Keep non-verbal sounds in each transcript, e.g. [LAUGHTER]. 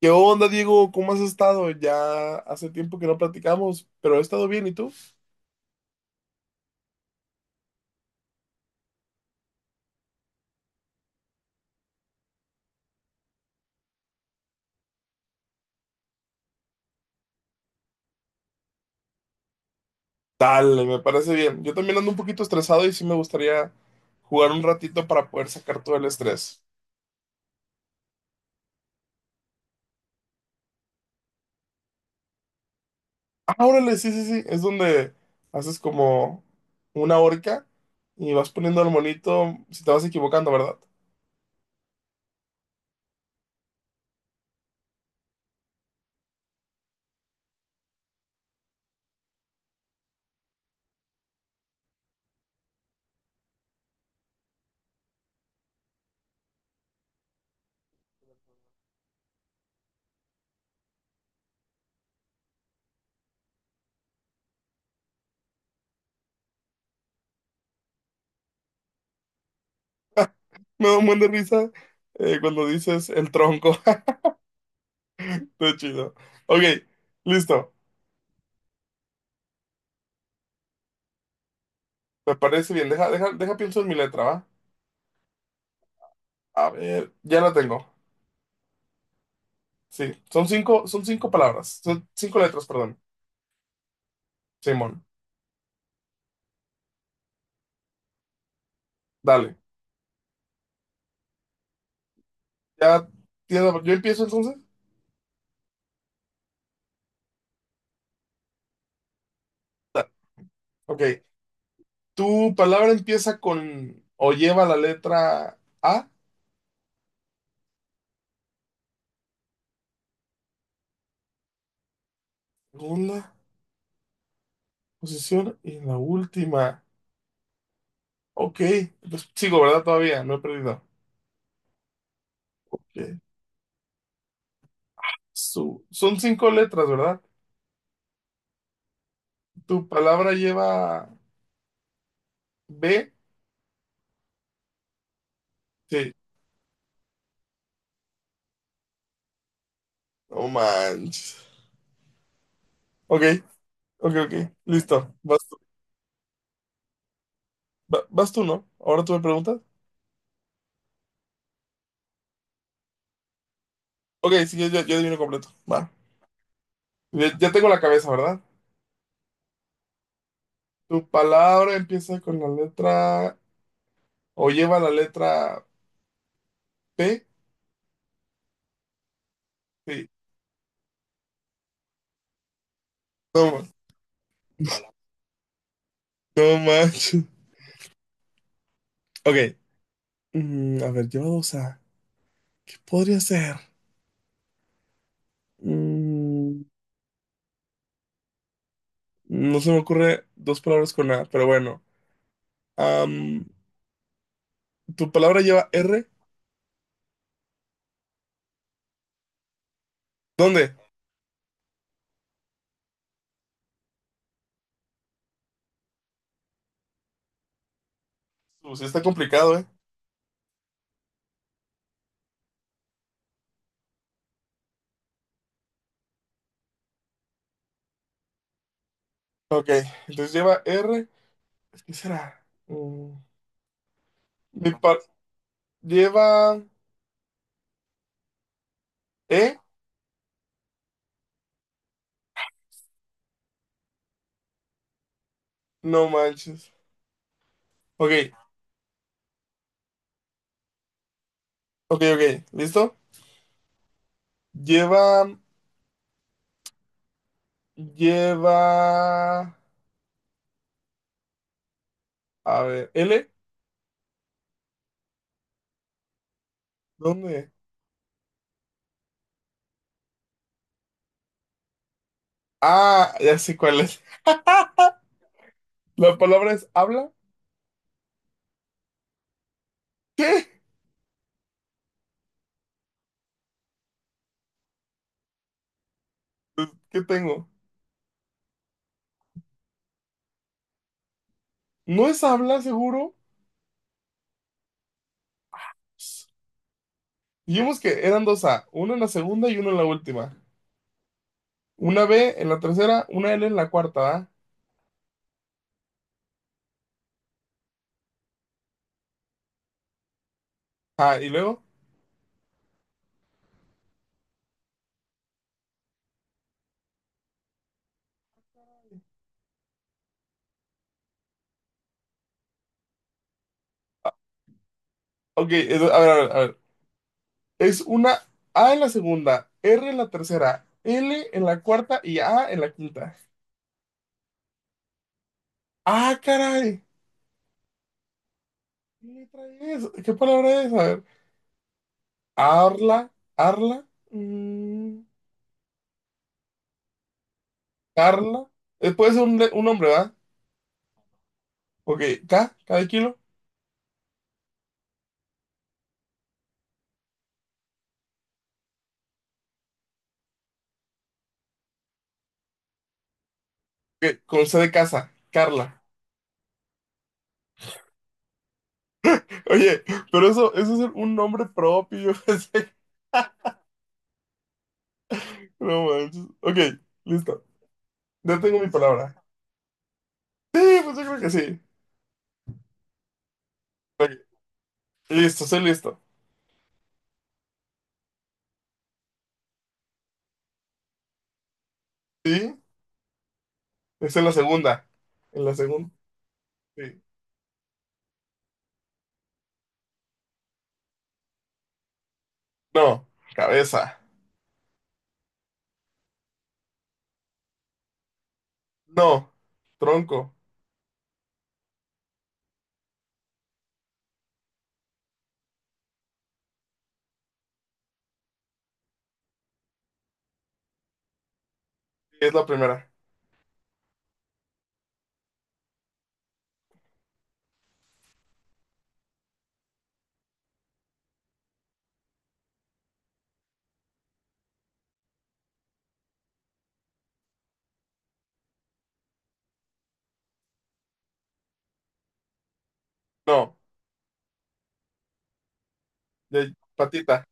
¿Qué onda, Diego? ¿Cómo has estado? Ya hace tiempo que no platicamos, pero he estado bien, ¿y tú? Dale, me parece bien. Yo también ando un poquito estresado y sí me gustaría jugar un ratito para poder sacar todo el estrés. Ah, órale, sí, sí, sí. Es donde haces como una horca y vas poniendo al monito si te vas equivocando, ¿verdad? [LAUGHS] Me da un buen de risa cuando dices el tronco. [LAUGHS] Todo chido. Ok, listo. Me parece bien. Deja, pienso en mi letra, ¿va? A ver, ya la tengo. Sí, son cinco palabras, son cinco letras, perdón. Simón, dale. Ya tienes, yo empiezo entonces. Ok, tu palabra empieza con o lleva la letra A, segunda posición y la última. Ok, pues sigo, ¿verdad? Todavía, no he perdido. Ok, son cinco letras, ¿verdad? Tu palabra lleva B, sí. No manches. Ok, ok, listo. Vas tú. Vas tú, ¿no? Ahora tú me preguntas. Ok, sí, yo adivino completo. Va. Ya tengo la cabeza, ¿verdad? ¿Tu palabra empieza con la letra o lleva la letra P? Sí. No, ma- no manches. Ok. Mm, a ver, lleva dos A. ¿Qué podría ser? Mm, no se me ocurre dos palabras con A, pero bueno. Am, ¿Tu palabra lleva R? ¿Dónde? Pues está complicado, ¿eh? Ok, entonces lleva R. ¿Qué será? Mm, mi par- lleva E. No manches. Ok, ok. ¿Listo? Lleva. Lleva. A ver, ¿L? ¿Dónde? Ah, ya sé cuál es. La palabra es habla. ¿Qué? Pues, ¿qué tengo? ¿No es habla, seguro? Dijimos que eran dos A, una en la segunda y una en la última. Una B en la tercera, una L en la cuarta, ¿verdad? Ah, y luego. Ok, entonces, a ver. Es una A en la segunda, R en la tercera, L en la cuarta y A en la quinta. Ah, caray. ¿Qué trae eso? ¿Qué palabra es? A ver. Arla, Arla, mm, Carla. Puede ser un, un nombre, ¿va? Ok, K, K de kilo. Ok, con C de casa, Carla. Oye, pero eso es un nombre propio. [LAUGHS] No manches. Ok, listo. Ya tengo mi palabra. Sí, pues yo creo que sí. Ok, listo, estoy listo. Sí, es en la segunda. En la segunda, sí. No, cabeza. No, tronco. Sí, es la primera. No, ya- patita.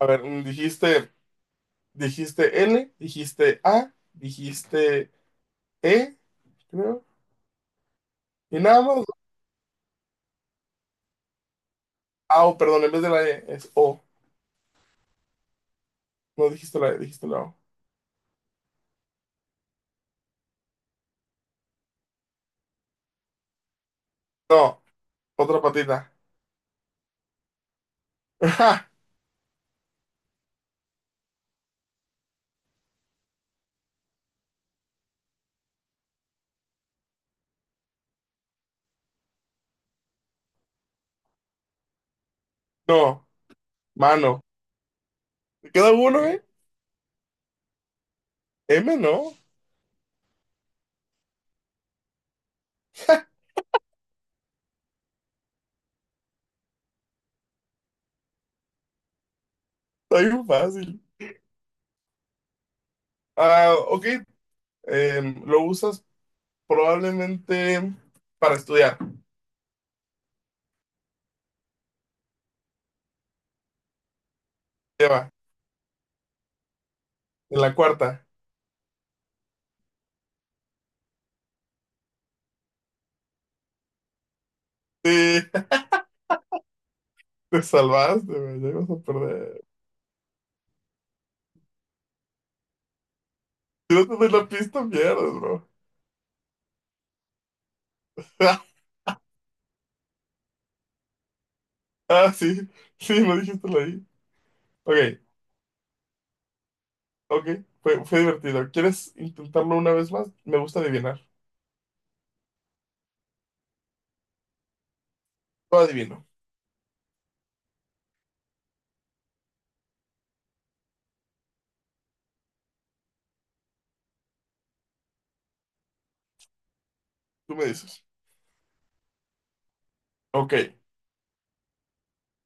A ver, mm, dijiste L, dijiste A, dijiste E, creo. Y nada más. Ah, oh, perdón, en vez de la E es O. No dijiste la E, dijiste la O. No, otra patita. [LAUGHS] No, mano. ¿Te queda uno, eh? M, no. Está bien fácil. Ah, ok. Em, lo usas probablemente para estudiar. Lleva, en la cuarta. Sí, [LAUGHS] te salvaste, me llegas a perder. Si no te doy la pista, pierdes, bro. [LAUGHS] Ah, sí, sí, lo dijiste ahí. Ok, ok, fue, fue divertido. ¿Quieres intentarlo una vez más? Me gusta adivinar. Lo adivino, tú me dices. Ok,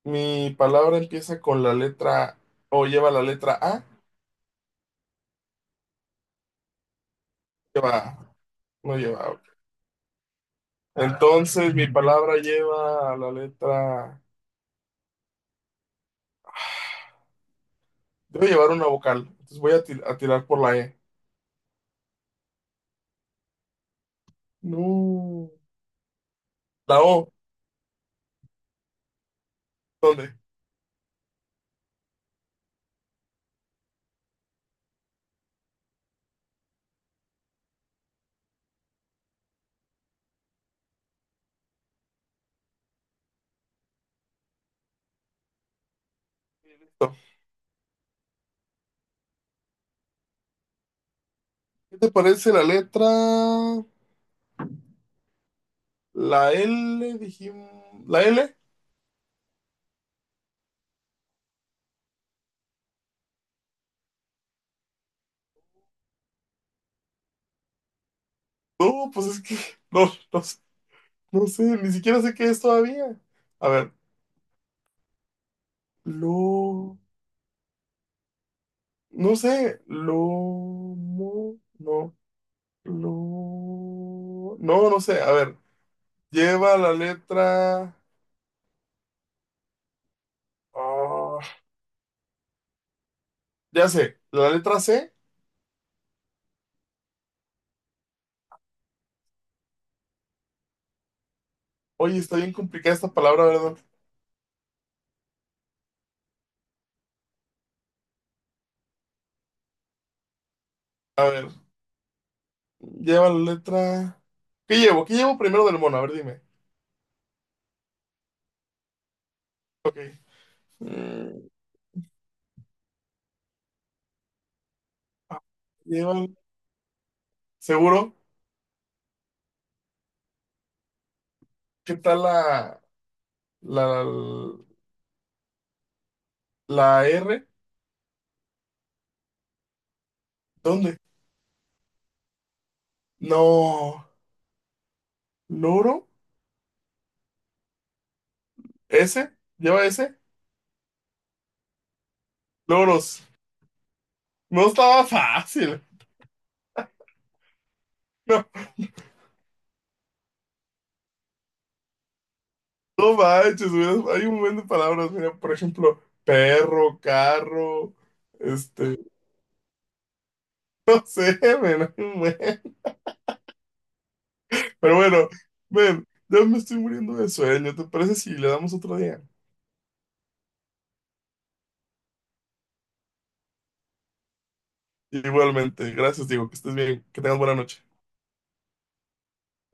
mi palabra empieza con la letra o lleva la letra A. Lleva, A, no lleva. A. Ok. Entonces, mi palabra lleva la letra. Debe llevar una vocal. Entonces voy a, a tirar por la E. No. La O, ¿dónde? Listo. ¿Qué te parece la letra? La L, dijimos. ¿La L? No, pues es que no, no, sé, no sé, ni siquiera sé qué es todavía. A ver, lo, no sé, lomo, no, lo, no, no sé, a ver, lleva la letra, ah, ya sé, la letra C. Oye, está bien complicada esta palabra, ¿verdad? A ver, lleva la letra, ¿qué llevo? ¿Qué llevo primero del mono? A ver, dime. Ok. Mm, ah, lleva, seguro, ¿qué tal la, la R? ¿Dónde? No, loro, S, lleva S, loros. No estaba [LAUGHS] fácil. No, no manches, hay un montón de palabras, mira, por ejemplo, perro, carro, este, [LAUGHS] no sé, men, hay un buen. Pero bueno, ven, ya me estoy muriendo de sueño, ¿te parece si le damos otro día? Igualmente, gracias, digo, que estés bien, que tengas buena noche.